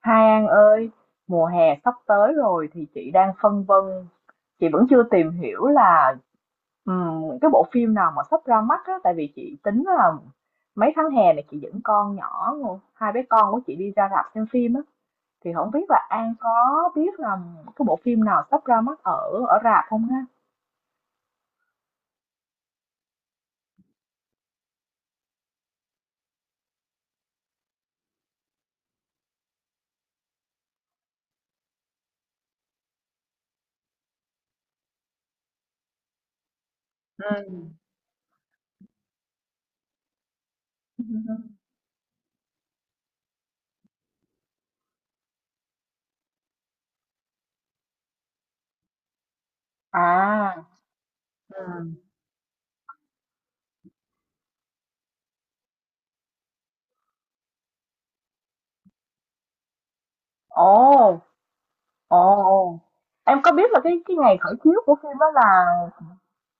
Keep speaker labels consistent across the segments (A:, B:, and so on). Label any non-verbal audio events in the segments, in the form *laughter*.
A: Hai An ơi, mùa hè sắp tới rồi thì chị đang phân vân, chị vẫn chưa tìm hiểu là những cái bộ phim nào mà sắp ra mắt á, tại vì chị tính là mấy tháng hè này chị dẫn con nhỏ, hai bé con của chị đi ra rạp xem phim á, thì không biết là An có biết là cái bộ phim nào sắp ra mắt ở ở rạp không ha? Ừ. *laughs* À, ừ. Ồ, ồ, ồ. Em có biết là cái ngày khởi chiếu của phim đó là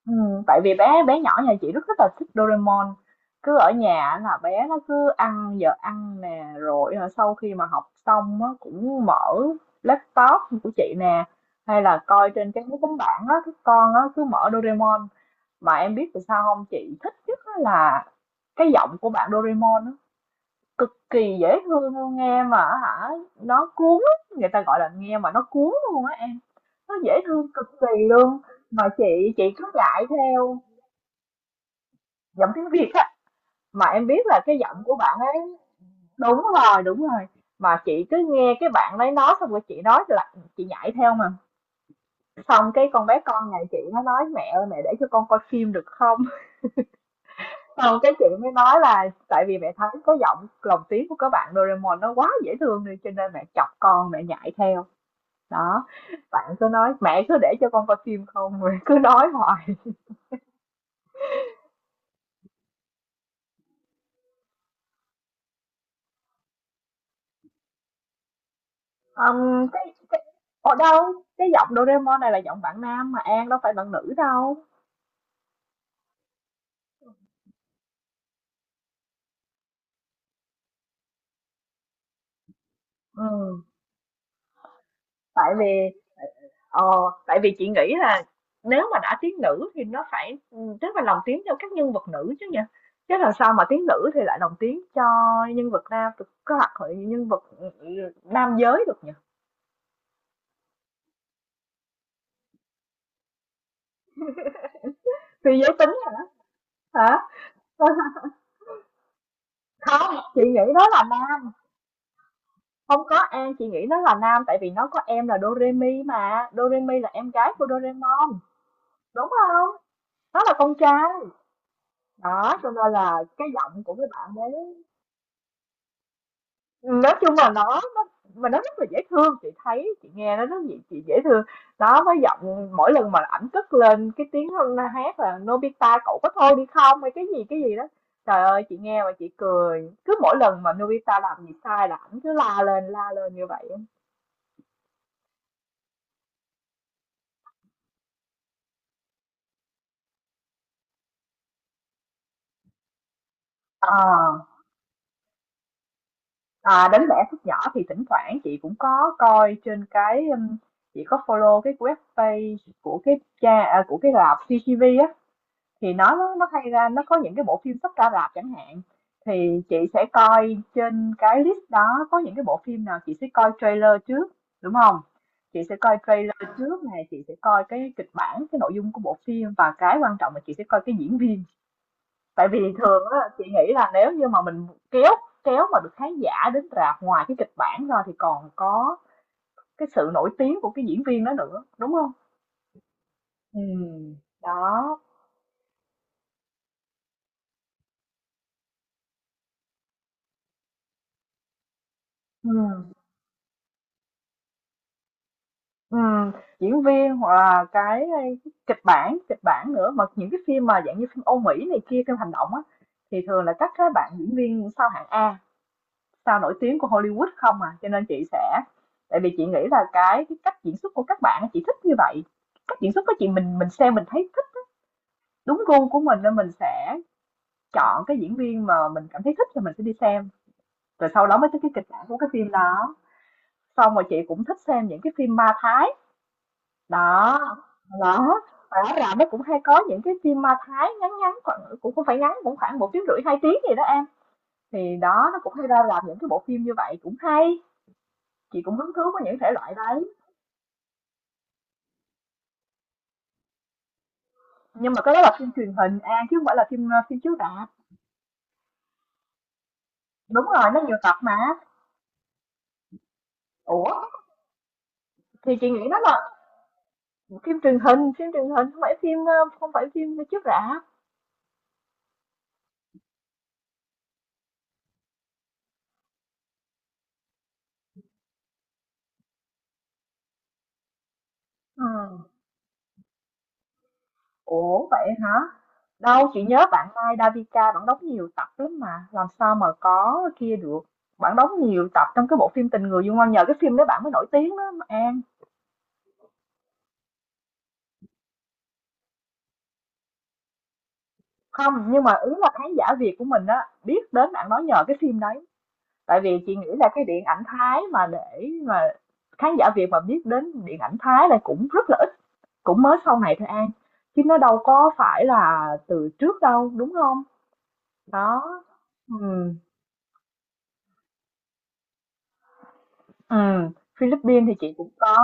A: Ừ, tại vì bé bé nhỏ nhà chị rất rất là thích Doraemon, cứ ở nhà là bé nó cứ ăn giờ ăn nè rồi hả, sau khi mà học xong á, cũng mở laptop của chị nè hay là coi trên cái máy tính bảng đó các con á, cứ mở Doraemon. Mà em biết tại sao không, chị thích nhất á là cái giọng của bạn Doraemon á, cực kỳ dễ thương luôn nghe mà hả, nó cuốn á, người ta gọi là nghe mà nó cuốn luôn á em, nó dễ thương cực kỳ luôn. Mà chị cứ dạy theo giọng tiếng Việt á. Mà em biết là cái giọng của bạn ấy, đúng rồi đúng rồi, mà chị cứ nghe cái bạn ấy nói xong rồi chị nói là chị nhảy theo. Mà xong cái con bé con nhà chị nó nói mẹ ơi mẹ để cho con coi phim được không, *laughs* xong cái chị mới nói là tại vì mẹ thấy có giọng lồng tiếng của các bạn Doraemon nó quá dễ thương đi cho nên mẹ chọc con mẹ nhảy theo. Đó, bạn cứ nói mẹ cứ để cho con coi phim không, *laughs* rồi cứ nói hoài. Cái ở đâu, cái giọng Doraemon này là giọng bạn nam mà An, đâu phải bạn nữ đâu. Ừ, tại vì ờ, tại vì chị nghĩ là nếu mà đã tiếng nữ thì nó phải tức là lồng tiếng cho các nhân vật nữ chứ nhỉ, chứ làm sao mà tiếng nữ thì lại lồng tiếng cho nhân vật nam được, có hoặc là nhân vật nam giới được nhỉ. Phi giới tính hả? Hả? Không, chị nghĩ nó là nam. Không có An, chị nghĩ nó là nam, tại vì nó có em là Doremi, mà Doremi là em gái của Doraemon đúng không, nó là con trai. Đó cho nên là cái giọng của cái bạn đấy, nói chung là nó mà nó rất là dễ thương, chị thấy chị nghe nó rất dễ, chị dễ thương nó với giọng. Mỗi lần mà ảnh cất lên cái tiếng hát là Nobita cậu có thôi đi không hay cái gì đó, trời ơi chị nghe mà chị cười. Cứ mỗi lần mà Nobita làm gì sai là ảnh cứ la lên như vậy. Ờ, à, đến vẽ phút nhỏ thì thỉnh thoảng chị cũng có coi trên cái chị có follow cái web page của của cái rạp CCTV á, thì nó hay ra, nó có những cái bộ phim sắp ra rạp chẳng hạn, thì chị sẽ coi trên cái list đó có những cái bộ phim nào, chị sẽ coi trailer trước đúng không, chị sẽ coi trailer trước này, chị sẽ coi cái kịch bản, cái nội dung của bộ phim, và cái quan trọng là chị sẽ coi cái diễn viên. Tại vì thường á chị nghĩ là nếu như mà mình kéo kéo mà được khán giả đến rạp, ngoài cái kịch bản ra thì còn có cái sự nổi tiếng của cái diễn viên đó nữa đúng không, ừ, đó, ừ. Ừ, diễn viên hoặc là cái, kịch bản nữa, mà những cái phim mà dạng như phim Âu Mỹ này kia, phim hành động á thì thường là các cái bạn diễn viên sao hạng A, sao nổi tiếng của Hollywood không à, cho nên chị sẽ, tại vì chị nghĩ là cái cách diễn xuất của các bạn á, chị thích như vậy. Cách diễn xuất của chị, mình xem mình thấy thích, đúng gu của mình nên mình sẽ chọn cái diễn viên mà mình cảm thấy thích thì mình sẽ đi xem, rồi sau đó mới tới cái kịch bản của cái phim đó. Xong rồi chị cũng thích xem những cái phim ma Thái. Đó, đó, rõ ràng nó cũng hay có những cái phim ma Thái ngắn ngắn, khoảng cũng không phải ngắn, cũng khoảng một tiếng, rưỡi 2 tiếng gì đó em. Thì đó, nó cũng hay ra làm những cái bộ phim như vậy cũng hay. Chị cũng hứng thú với những thể loại đấy. Nhưng mà cái đó là phim truyền hình An, chứ không phải là phim chiếu rạp. Đúng rồi, nó nhiều tập mà. Ủa, thì chị nghĩ nó là phim truyền hình, không phải không phải phim chiếu rạp. Ừ. Ủa vậy hả? Đâu, chị nhớ bạn Mai Davika bạn đóng nhiều tập lắm mà, làm sao mà có kia được. Bạn đóng nhiều tập trong cái bộ phim Tình Người Dung Ngoan, nhờ cái phim đó bạn mới nổi tiếng đó mà An. Không, nhưng mà ý là khán giả Việt của mình á biết đến bạn nói nhờ cái phim đấy. Tại vì chị nghĩ là cái điện ảnh Thái, mà để mà khán giả Việt mà biết đến điện ảnh Thái là cũng rất là ít, cũng mới sau này thôi An. Chứ nó đâu có phải là từ trước đâu, đúng không? Đó. Ừ. Ừm, Philippines thì chị cũng có.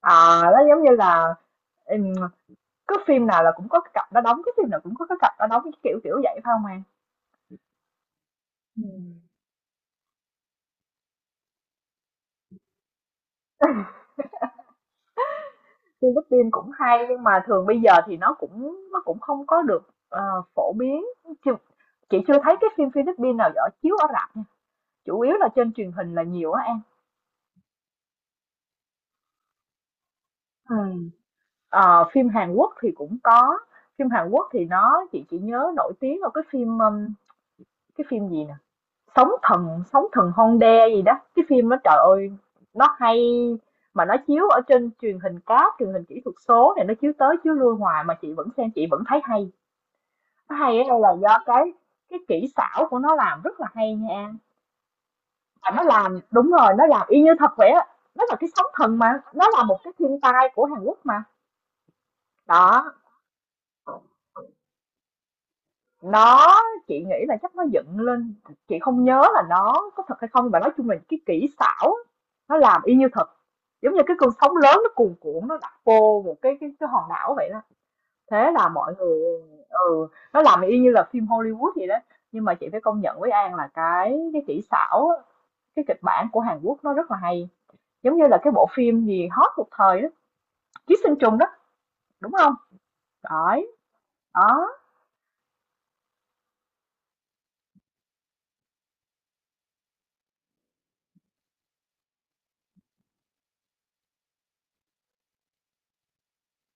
A: Ờ, nó giống như là, ừm, cứ phim nào là cũng có cái cặp đó đóng, cái phim nào cũng có cái cặp đó đóng, cái kiểu kiểu vậy phải không em? Ừm. Philippines cũng hay nhưng mà thường bây giờ thì nó cũng không có được phổ biến. Chưa, chị chưa thấy cái phim Philippines nào ở chiếu ở rạp nha. Chủ yếu là trên truyền hình là nhiều á em. Ừ. Ờ, phim Hàn Quốc thì cũng có. Phim Hàn Quốc thì chị chỉ nhớ nổi tiếng là cái phim gì nè? Sóng thần Honda gì đó, cái phim đó trời ơi, nó hay, mà nó chiếu ở trên truyền hình cáp, truyền hình kỹ thuật số này, nó chiếu tới chiếu lui hoài mà chị vẫn xem, chị vẫn thấy hay. Nó hay ở đây là do cái kỹ xảo của nó làm rất là hay nha An. Và nó làm đúng rồi, nó làm y như thật vậy á. Nó là cái sóng thần mà, nó là một cái thiên tai của Hàn Quốc mà. Đó, Nó chị nghĩ là chắc nó dựng lên, chị không nhớ là nó có thật hay không, nhưng mà nói chung là cái kỹ xảo nó làm y như thật. Giống như cái cơn sóng lớn nó cuồn cuộn nó đặt vô một cái hòn đảo vậy đó. Thế là mọi người nó làm y như là phim Hollywood vậy đó. Nhưng mà chị phải công nhận với An là cái kỹ xảo, á, cái kịch bản của Hàn Quốc nó rất là hay. Giống như là cái bộ phim gì hot một thời đó, Ký Sinh Trùng đó, đúng không? Đấy. Đó.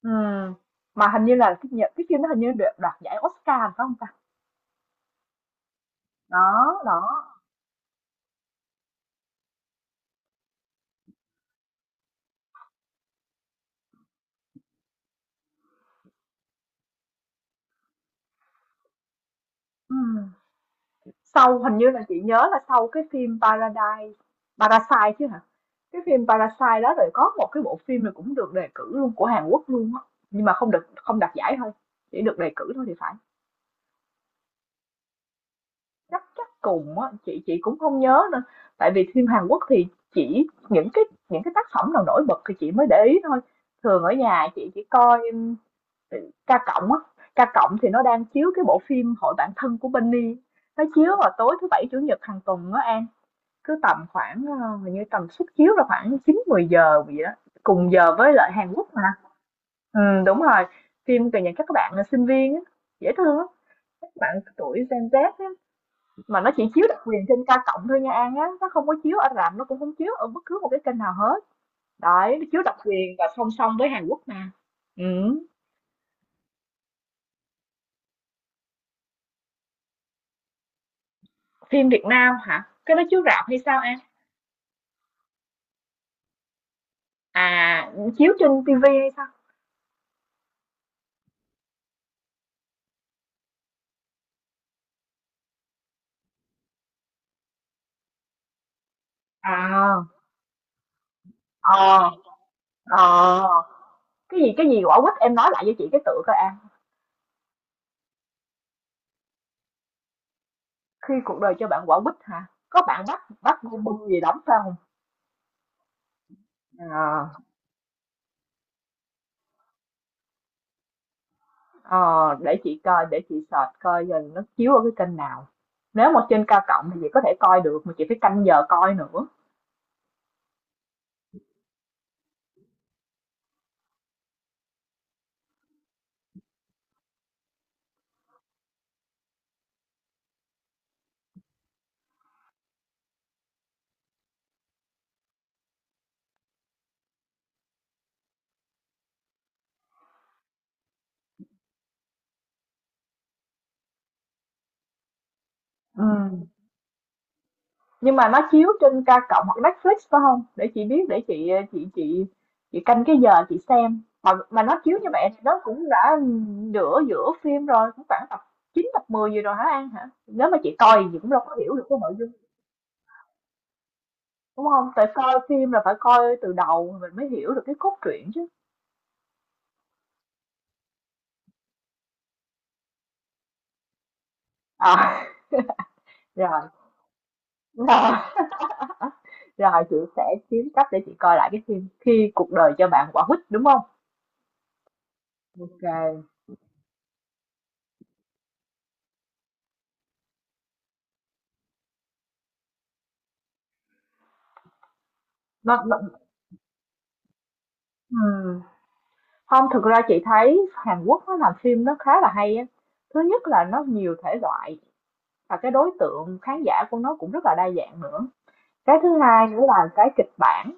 A: Ừm, mà hình như là cái nhờ cái phim, nó hình như được đoạt giải Oscar phải không ta? Đó, đó, ừm. Sau hình như là chị nhớ là sau cái phim Parasite chứ hả? Cái phim Parasite đó, rồi có một cái bộ phim này cũng được đề cử luôn của Hàn Quốc luôn á, nhưng mà không được không đạt giải thôi, chỉ được đề cử thôi thì phải. Chắc chắc cùng á, chị cũng không nhớ nữa. Tại vì phim Hàn Quốc thì chỉ những cái tác phẩm nào nổi bật thì chị mới để ý thôi. Thường ở nhà chị chỉ coi K Cộng á, K Cộng thì nó đang chiếu cái bộ phim Hội Bạn Thân của Benny. Nó chiếu vào tối thứ Bảy, Chủ nhật hàng tuần á An. Cứ tầm khoảng, hình như tầm suất chiếu là khoảng chín mười giờ vậy đó. Cùng giờ với lại Hàn Quốc mà. Ừ, đúng rồi. Phim về những các bạn là sinh viên á. Dễ thương lắm. Các bạn tuổi Gen Z á. Mà nó chỉ chiếu đặc quyền trên K Cộng thôi nha An á. Nó không có chiếu ở rạp, nó cũng không chiếu ở bất cứ một cái kênh nào hết. Đấy, nó chiếu độc quyền và song song với Hàn Quốc mà. Ừ. Phim Việt Nam hả? Cái đó chiếu rạp hay sao An? À, chiếu trên ti vi hay sao? À, ờ, ờ. Cái gì quả quýt em nói lại cho chị cái tựa coi An. Khi cuộc đời cho bạn quả quýt hả? Có bạn bắt bắt bu bu gì đóng phải không? Ờ, ờ, để chị coi, để chị search coi giờ nó chiếu ở cái kênh nào. Nếu mà trên cao cộng thì chị có thể coi được mà chị phải canh giờ coi nữa. Ừ. Nhưng mà nó chiếu trên K cộng hoặc Netflix phải không, để chị biết, để chị canh cái giờ chị xem. Mà nó chiếu như vậy thì nó cũng đã nửa giữa phim rồi, cũng khoảng tập 9 tập 10 gì rồi hả An hả? Nếu mà chị coi thì chị cũng đâu có hiểu được cái nội dung đúng không, tại coi phim là phải coi từ đầu mình mới hiểu được cái cốt truyện chứ. À, *laughs* rồi rồi rồi chị sẽ kiếm cách để chị coi lại cái phim Khi cuộc đời cho bạn quả quýt đúng không? OK. Nó, ừ. Không, thực ra chị thấy Hàn Quốc nó làm phim nó khá là hay á. Thứ nhất là nó nhiều thể loại và cái đối tượng khán giả của nó cũng rất là đa dạng nữa. Cái thứ hai nữa là cái kịch bản,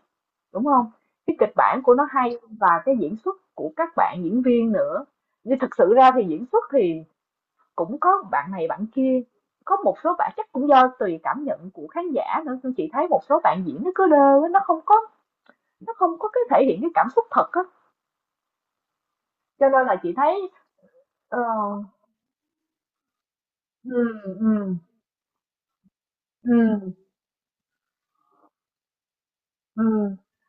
A: đúng không? Cái kịch bản của nó hay và cái diễn xuất của các bạn diễn viên nữa. Nhưng thực sự ra thì diễn xuất thì cũng có bạn này bạn kia, có một số bạn chắc cũng do tùy cảm nhận của khán giả nữa, nhưng chị thấy một số bạn diễn nó cứ đơ á, nó không có cái thể hiện cái cảm xúc thật á. Cho nên là chị thấy, ờ. Ừ, ừ, ừ, ừ.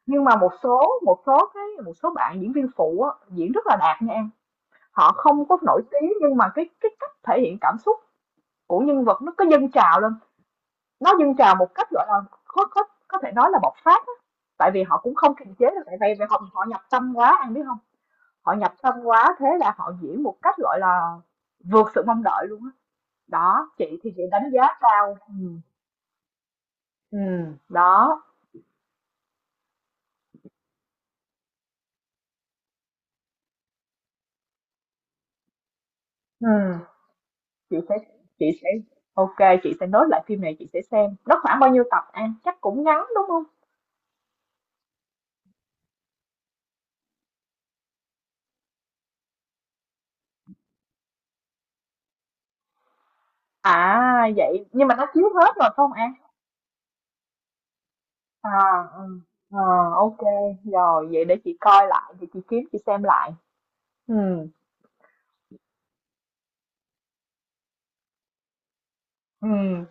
A: Nhưng mà một số bạn diễn viên phụ á, diễn rất là đạt nha An. Họ không có nổi tiếng nhưng mà cái cách thể hiện cảm xúc của nhân vật nó cứ dâng trào lên, nó dâng trào một cách, gọi là, có thể nói là bộc phát á. Tại vì họ cũng không kiềm chế được, tại vì vì họ họ nhập tâm quá, anh biết không? Họ nhập tâm quá, thế là họ diễn một cách, gọi là, vượt sự mong đợi luôn á. Đó, chị thì chị đánh giá cao. Ừ, đó, ừ. Chị sẽ chị sẽ, OK, chị sẽ nốt lại phim này chị sẽ xem. Nó khoảng bao nhiêu tập An? Chắc cũng ngắn đúng không? À vậy, nhưng mà nó chiếu hết rồi phải không An? À, ừ. Ờ, OK, rồi vậy để chị coi lại, thì chị kiếm chị xem lại. Ừ. Ừ,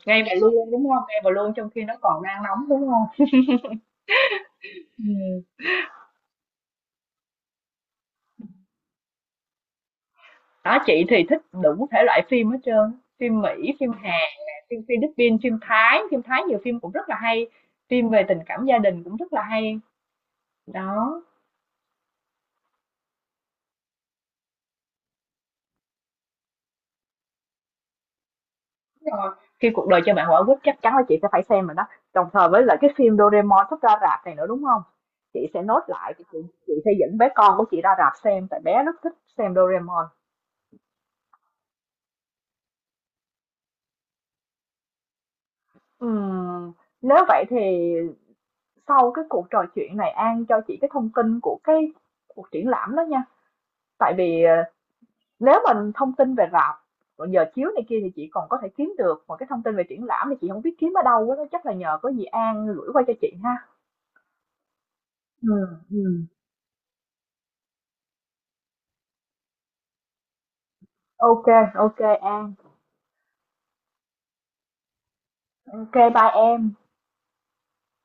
A: ngay vào luôn đúng không? Ngay vào luôn trong khi nó còn đang nóng đúng không? Ừ. Đó, chị thì thích đủ thể loại phim hết trơn. Phim Mỹ, phim Hàn, nè, phim Philippines, phim Thái nhiều phim cũng rất là hay. Phim về tình cảm gia đình cũng rất là hay. Đó. Rồi. Khi cuộc đời cho bạn quả quýt chắc chắn là chị sẽ phải xem rồi đó. Đồng thời với lại cái phim Doraemon sắp ra rạp này nữa đúng không? Chị sẽ nốt lại thì chị sẽ dẫn bé con của chị ra rạp xem tại bé rất thích xem Doraemon. Ừm, nếu vậy thì sau cái cuộc trò chuyện này An cho chị cái thông tin của cái cuộc triển lãm đó nha. Tại vì ờ, nếu mình thông tin về rạp còn giờ chiếu này kia thì chị còn có thể kiếm được, mà cái thông tin về triển lãm thì chị không biết kiếm ở đâu á, đó chắc là nhờ có gì An gửi qua cho chị ha. Ừ, ừ. OK, OK An. OK, bye em.